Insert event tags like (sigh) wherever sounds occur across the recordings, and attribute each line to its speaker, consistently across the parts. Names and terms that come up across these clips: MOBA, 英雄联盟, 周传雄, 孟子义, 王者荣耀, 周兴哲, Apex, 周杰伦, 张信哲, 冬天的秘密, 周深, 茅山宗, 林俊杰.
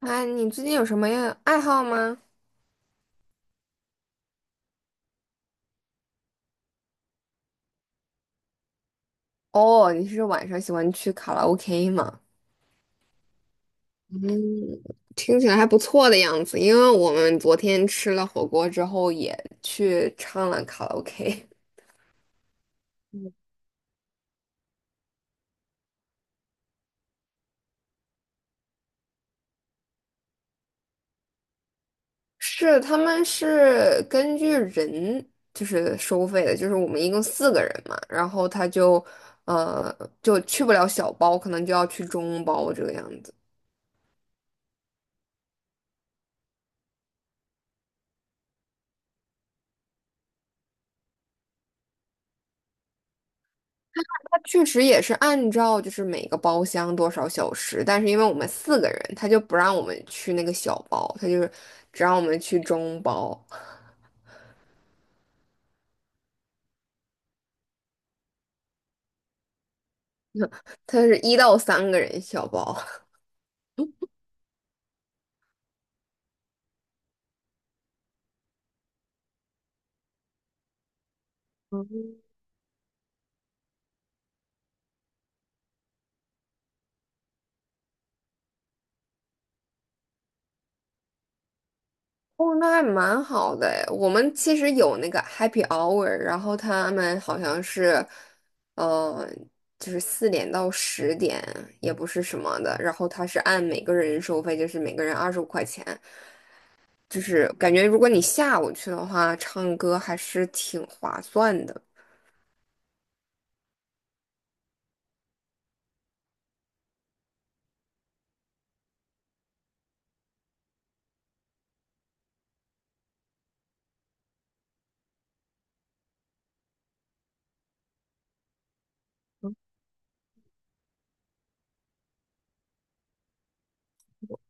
Speaker 1: 哎，你最近有什么样爱好吗？哦，你是晚上喜欢去卡拉 OK 吗？嗯，听起来还不错的样子。因为我们昨天吃了火锅之后，也去唱了卡拉 OK。(laughs) 是，他们是根据人就是收费的，就是我们一共四个人嘛，然后他就呃就去不了小包，可能就要去中包这个样子。确实也是按照就是每个包厢多少小时，但是因为我们四个人，他就不让我们去那个小包，他就是只让我们去中包，(laughs) 他是1到3个人小包。(laughs) 哦，那还蛮好的诶我们其实有那个 happy hour，然后他们好像是，呃，就是4点到10点，也不是什么的，然后他是按每个人收费，就是每个人25块钱。就是感觉如果你下午去的话，唱歌还是挺划算的。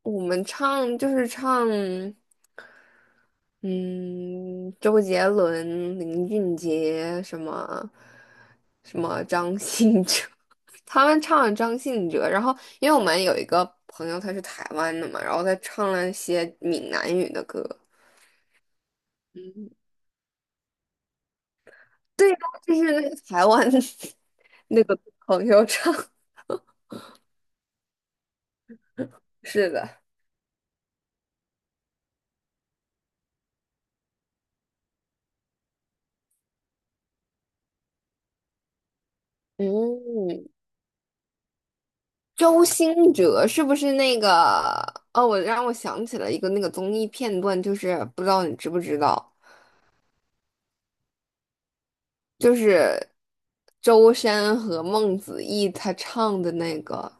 Speaker 1: 我们唱就是唱，嗯，周杰伦、林俊杰什么张信哲，(laughs) 他们唱了张信哲，然后因为我们有一个朋友他是台湾的嘛，然后他唱了一些闽南语的歌，对呀，就是那个台湾 (laughs) 那个朋友唱，是的，嗯。周兴哲是不是那个？哦，我让我想起了一个那个综艺片段，就是不知道你知不知道，就是周深和孟子义他唱的那个，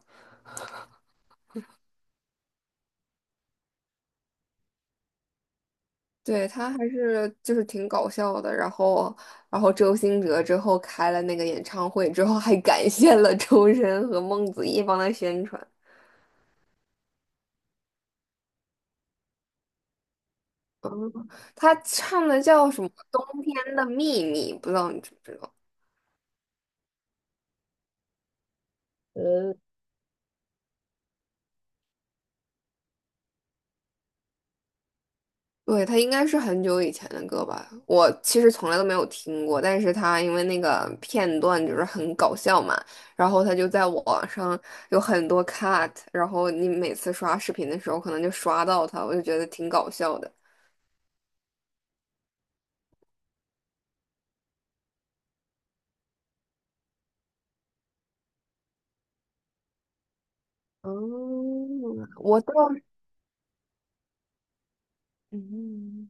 Speaker 1: 对，他还是就是挺搞笑的。然后周兴哲之后开了那个演唱会之后，还感谢了周深和孟子义帮他宣传。他唱的叫什么《冬天的秘密》，不知道你知不知道？对，他应该是很久以前的歌吧，我其实从来都没有听过，但是他因为那个片段就是很搞笑嘛，然后他就在网上有很多 cut，然后你每次刷视频的时候可能就刷到他，我就觉得挺搞笑的。哦，我倒是嗯，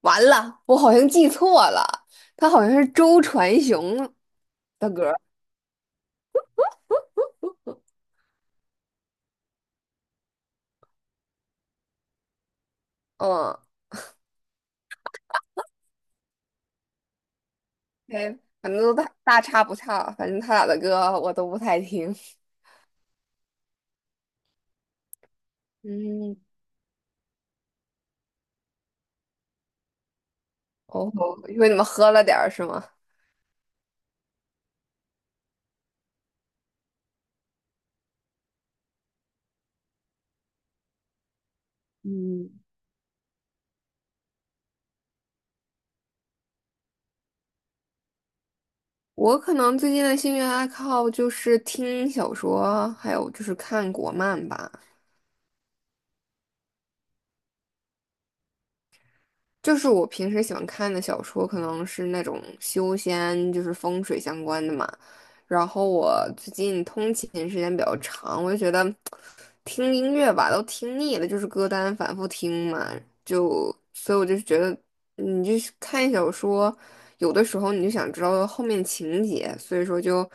Speaker 1: 完了，我好像记错了，他好像是周传雄的歌儿嗯，对，反正都大大差不差，反正他俩的歌我都不太听。嗯，哦，因为你们喝了点儿是吗？嗯，我可能最近的兴趣爱好就是听小说，还有就是看国漫吧。就是我平时喜欢看的小说，可能是那种修仙，就是风水相关的嘛。然后我最近通勤时间比较长，我就觉得听音乐吧都听腻了，就是歌单反复听嘛，就所以我就觉得你就是看小说，有的时候你就想知道后面情节，所以说就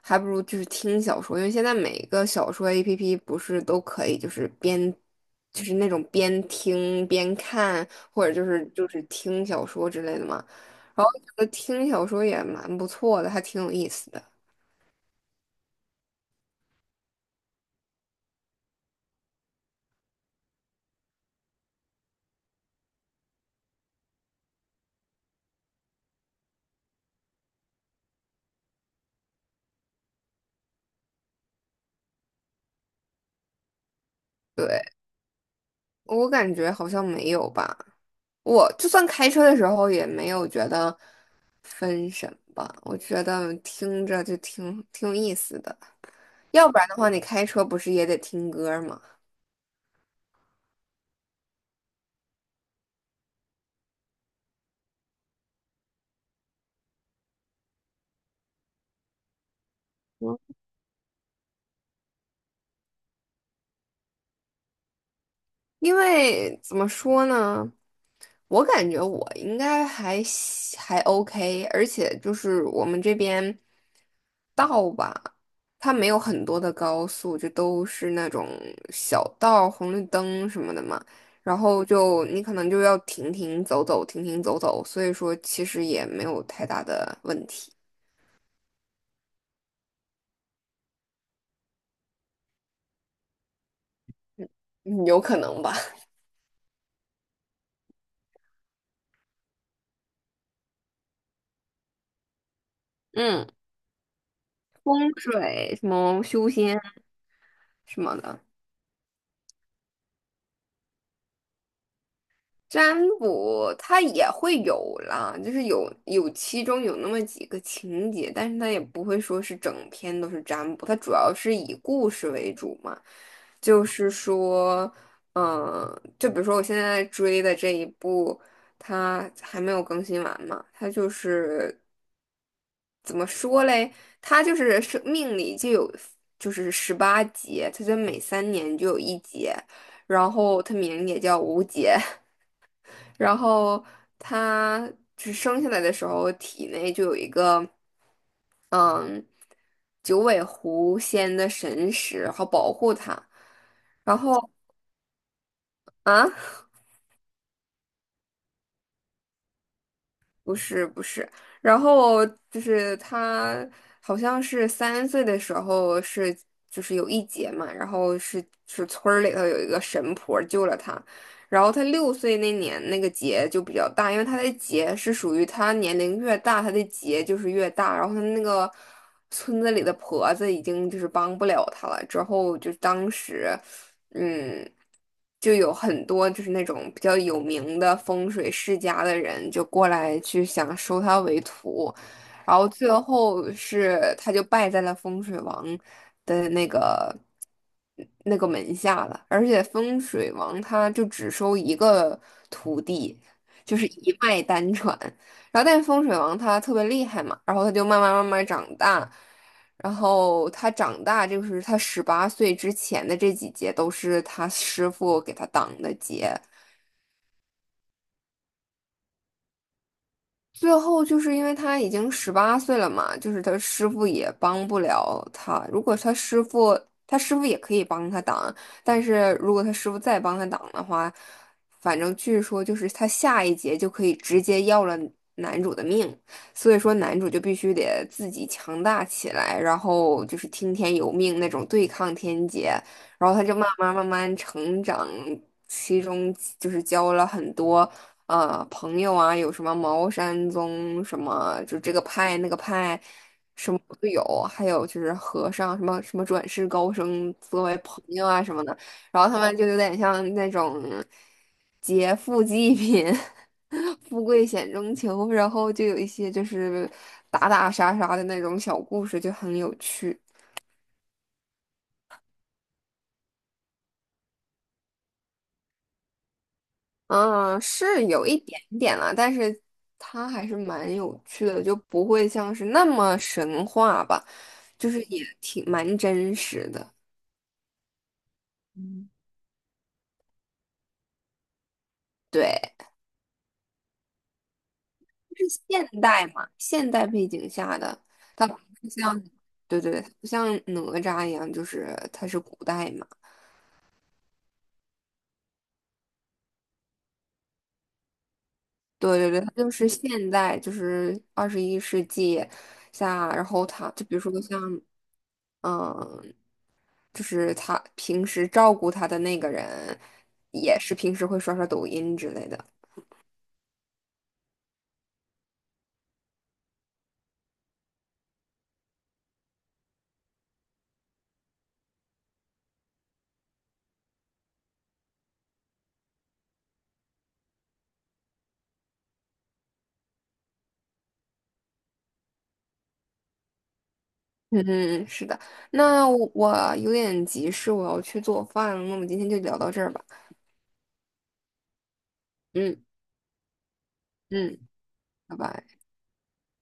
Speaker 1: 还不如就是听小说，因为现在每个小说 APP 不是都可以就是边就是那种边听边看，或者就是听小说之类的嘛。然后觉得听小说也蛮不错的，还挺有意思的。对，我感觉好像没有吧。我就算开车的时候也没有觉得分神吧，我觉得听着就挺有意思的。要不然的话，你开车不是也得听歌儿吗？嗯因为怎么说呢？我感觉我应该还行还 OK，而且就是我们这边道吧，它没有很多的高速，就都是那种小道、红绿灯什么的嘛。然后就你可能就要停停走走，停停走走，所以说其实也没有太大的问题，嗯有可能吧。嗯，风水什么修仙什么的。占卜它也会有啦，就是有其中有那么几个情节，但是它也不会说是整篇都是占卜，它主要是以故事为主嘛。就是说，嗯，就比如说我现在追的这一部，它还没有更新完嘛，它就是怎么说嘞？它就是生命里就有就是18节，它就每3年就有一节，然后它名也叫无节。然后它只生下来的时候，体内就有一个嗯九尾狐仙的神识，好保护他。然后啊，不是不是，然后就是他好像是3岁的时候是就是有一劫嘛，然后是村儿里头有一个神婆救了他。然后他6岁那年那个劫就比较大，因为他的劫是属于他年龄越大，他的劫就是越大。然后他那个村子里的婆子已经就是帮不了他了，之后就当时，嗯，就有很多就是那种比较有名的风水世家的人就过来去想收他为徒。然后最后是他就败在了风水王的那个门下了，而且风水王他就只收一个徒弟，就是一脉单传。然后但是风水王他特别厉害嘛，然后他就慢慢慢慢长大，然后他长大就是他十八岁之前的这几节都是他师傅给他挡的劫。最后就是因为他已经十八岁了嘛，就是他师傅也帮不了他。如果他师傅，他师傅也可以帮他挡，但是如果他师傅再帮他挡的话，反正据说就是他下一劫就可以直接要了男主的命，所以说男主就必须得自己强大起来，然后就是听天由命那种对抗天劫，然后他就慢慢慢慢成长，其中就是教了很多。朋友啊，有什么茅山宗什么，就这个派那个派，什么都有，还有就是和尚什么转世高僧作为朋友啊什么的，然后他们就有点像那种劫富济贫。(laughs) 富贵险中求，然后就有一些就是打打杀杀的那种小故事，就很有趣。嗯，是有一点点啦，但是它还是蛮有趣的，就不会像是那么神话吧，就是也挺蛮真实的。嗯，对，是现代嘛，现代背景下的，它不是像，对对，对，不像哪吒一样，就是它是古代嘛，对对对，它就是现代，就是21世纪下，然后它就比如说像，嗯、就是他平时照顾他的那个人，也是平时会刷刷抖音之类的。嗯，嗯，是的。那我有点急事，我要去做饭了。那我们今天就聊到这儿吧。嗯嗯，拜拜。